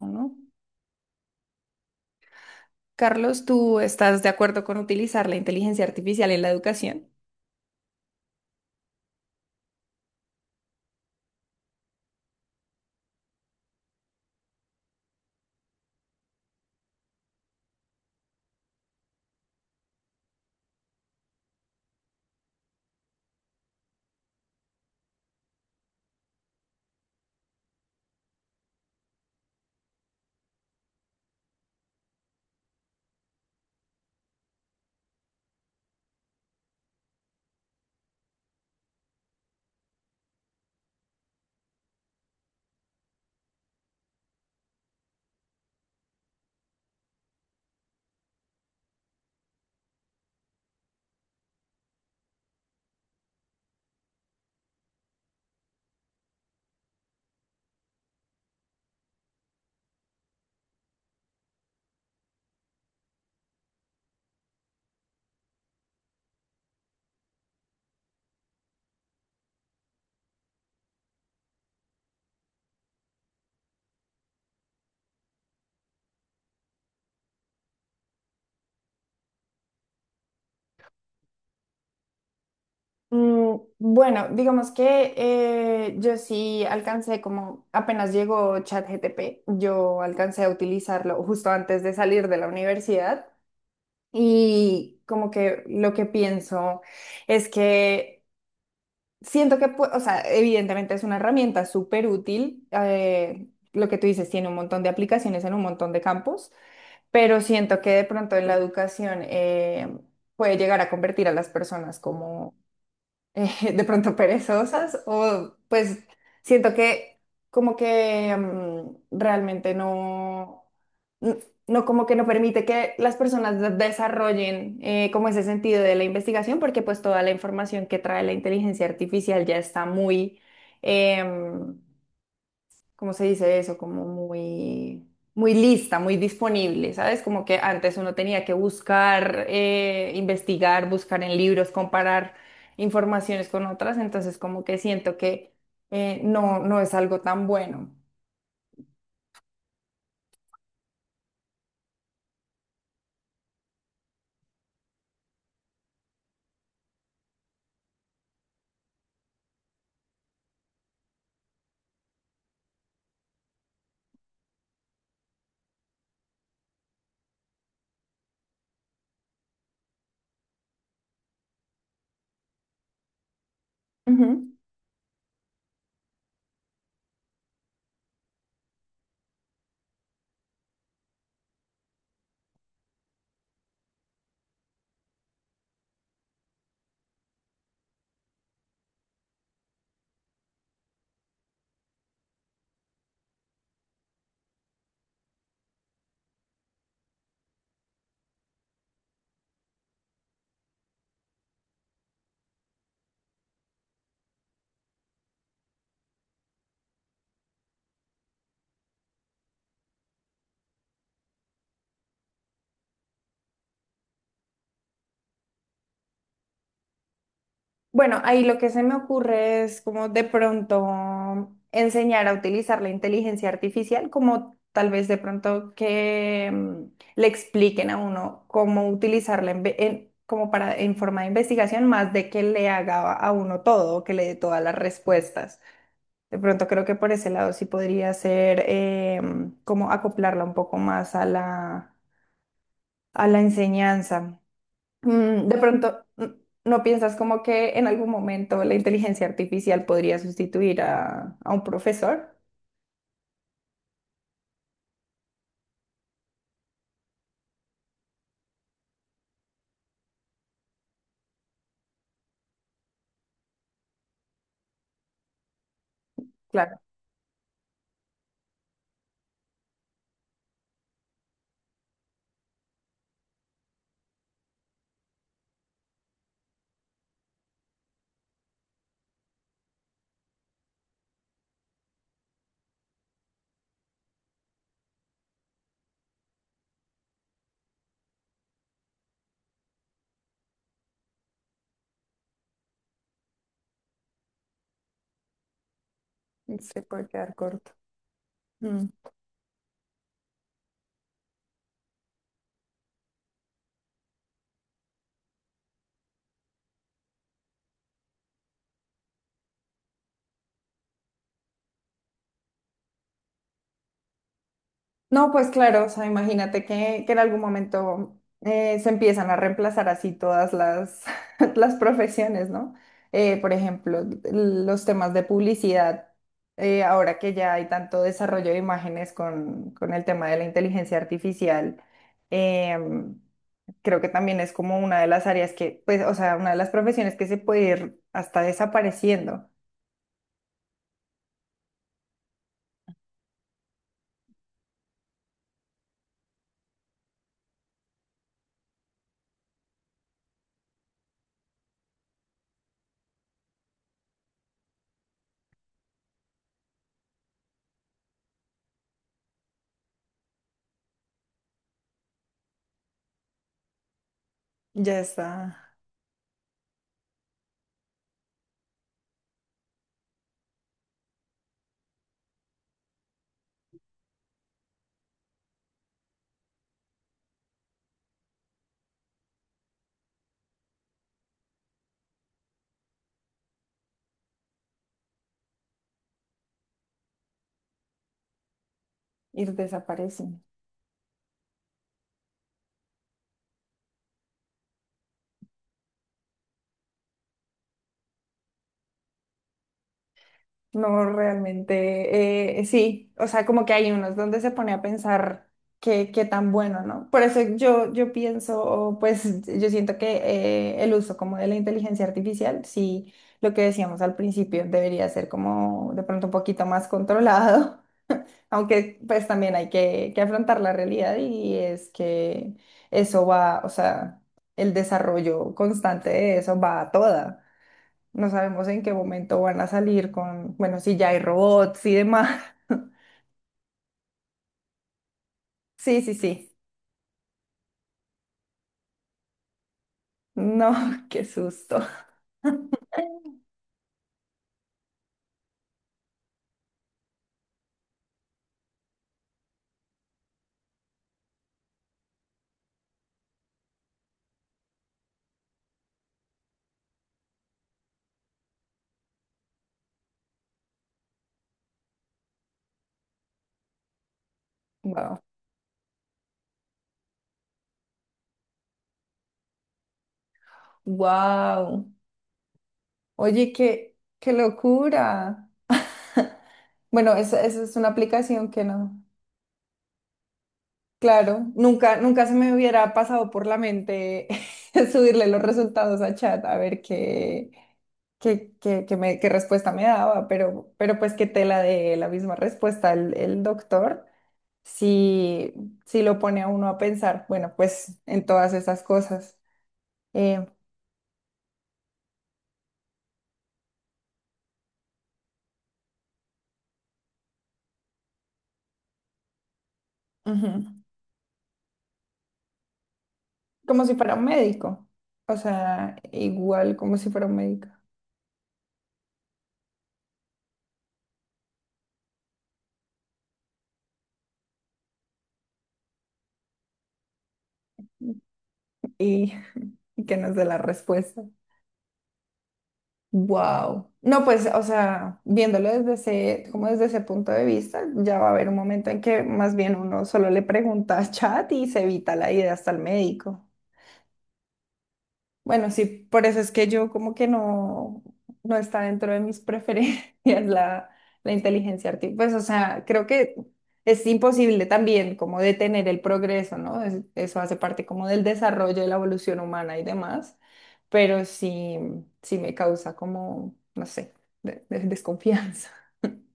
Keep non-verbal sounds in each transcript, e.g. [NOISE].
¿No? Carlos, ¿tú estás de acuerdo con utilizar la inteligencia artificial en la educación? Mm, bueno, digamos que yo sí alcancé como apenas llegó ChatGPT, yo alcancé a utilizarlo justo antes de salir de la universidad y como que lo que pienso es que siento que, o sea, evidentemente es una herramienta súper útil, lo que tú dices tiene un montón de aplicaciones en un montón de campos, pero siento que de pronto en la educación puede llegar a convertir a las personas como [LAUGHS] de pronto perezosas o pues siento que como que realmente no, n- no, como que no permite que las personas desarrollen, como ese sentido de la investigación, porque pues toda la información que trae la inteligencia artificial ya está muy... em, ¿cómo se dice eso? Como muy, muy lista, muy disponible, ¿sabes? Como que antes uno tenía que buscar, investigar, buscar en libros, comparar informaciones con otras, entonces como que siento que no, no es algo tan bueno. Bueno, ahí lo que se me ocurre es como de pronto enseñar a utilizar la inteligencia artificial, como tal vez de pronto que le expliquen a uno cómo utilizarla como para en forma de investigación, más de que le haga a uno todo, que le dé todas las respuestas. De pronto creo que por ese lado sí podría ser como acoplarla un poco más a la enseñanza. Mm, de pronto, mm, ¿no piensas como que en algún momento la inteligencia artificial podría sustituir a un profesor? Claro, se puede quedar corto. No, pues claro, o sea, imagínate que en algún momento se empiezan a reemplazar así todas las, [LAUGHS] las profesiones, ¿no? Por ejemplo, los temas de publicidad, ahora que ya hay tanto desarrollo de imágenes con el tema de la inteligencia artificial, em, creo que también es como una de las áreas que, pues, o sea, una de las profesiones que se puede ir hasta desapareciendo. Ya está, ir desapareciendo. No, realmente, sí, o sea, como que hay unos donde se pone a pensar qué, qué tan bueno, ¿no? Por eso yo, yo pienso, o pues yo siento que el uso como de la inteligencia artificial, sí, lo que decíamos al principio, debería ser como de pronto un poquito más controlado, [LAUGHS] aunque pues también hay que afrontar la realidad, y es que eso va, o sea, el desarrollo constante de eso va a toda. No sabemos en qué momento van a salir con, bueno, si ya hay robots y demás. [LAUGHS] Sí, sí, sí. No, [LAUGHS] qué susto. Wow. Wow. Oye, qué, qué locura. [LAUGHS] Bueno, esa es una aplicación que no. Claro, nunca, nunca se me hubiera pasado por la mente [LAUGHS] subirle los resultados a chat a ver qué, qué, qué, qué qué respuesta me daba, pero pues qué tela de la misma respuesta el doctor. Si si lo pone a uno a pensar, bueno, pues en todas esas cosas. Eh, ujú. Como si fuera un médico, o sea, igual como si fuera un médico. Y, [LAUGHS] y que nos dé la respuesta. Wow. No, pues, o sea, viéndolo desde ese, como desde ese punto de vista, ya va a haber un momento en que más bien uno solo le pregunta a chat y se evita la idea hasta el médico. Bueno, sí, por eso es que yo como que no, no está dentro de mis preferencias [LAUGHS] la inteligencia artificial. Pues, o sea, creo que es imposible también como detener el progreso, ¿no? Eso hace parte como del desarrollo de la evolución humana y demás, pero sí, sí me causa como, no sé, desconfianza. [LAUGHS]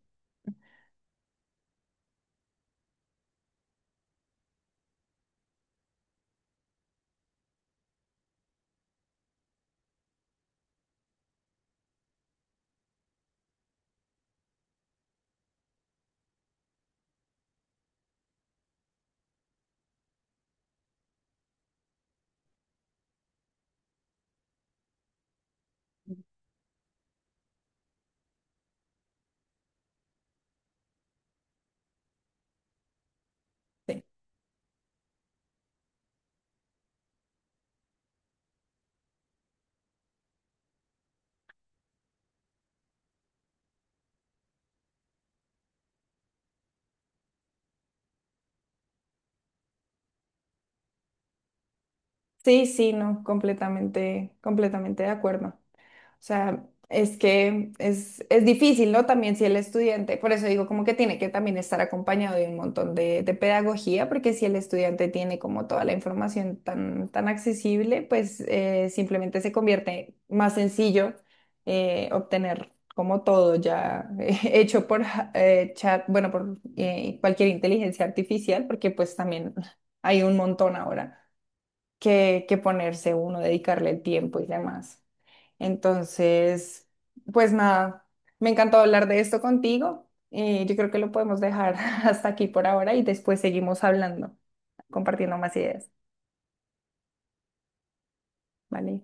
Sí, sí, sí, no, completamente, completamente de acuerdo. O sea, es que es difícil, ¿no? También si el estudiante, por eso digo como que tiene que también estar acompañado de un montón de pedagogía, porque si el estudiante tiene como toda la información tan, tan accesible, pues simplemente se convierte más sencillo obtener como todo ya [LAUGHS] hecho por chat, bueno, por cualquier inteligencia artificial, porque pues también hay un montón ahora que ponerse uno, dedicarle el tiempo y demás. Entonces, pues nada, me encantó hablar de esto contigo. Y yo creo que lo podemos dejar [LAUGHS] hasta aquí por ahora y después seguimos hablando, compartiendo más ideas, ¿vale?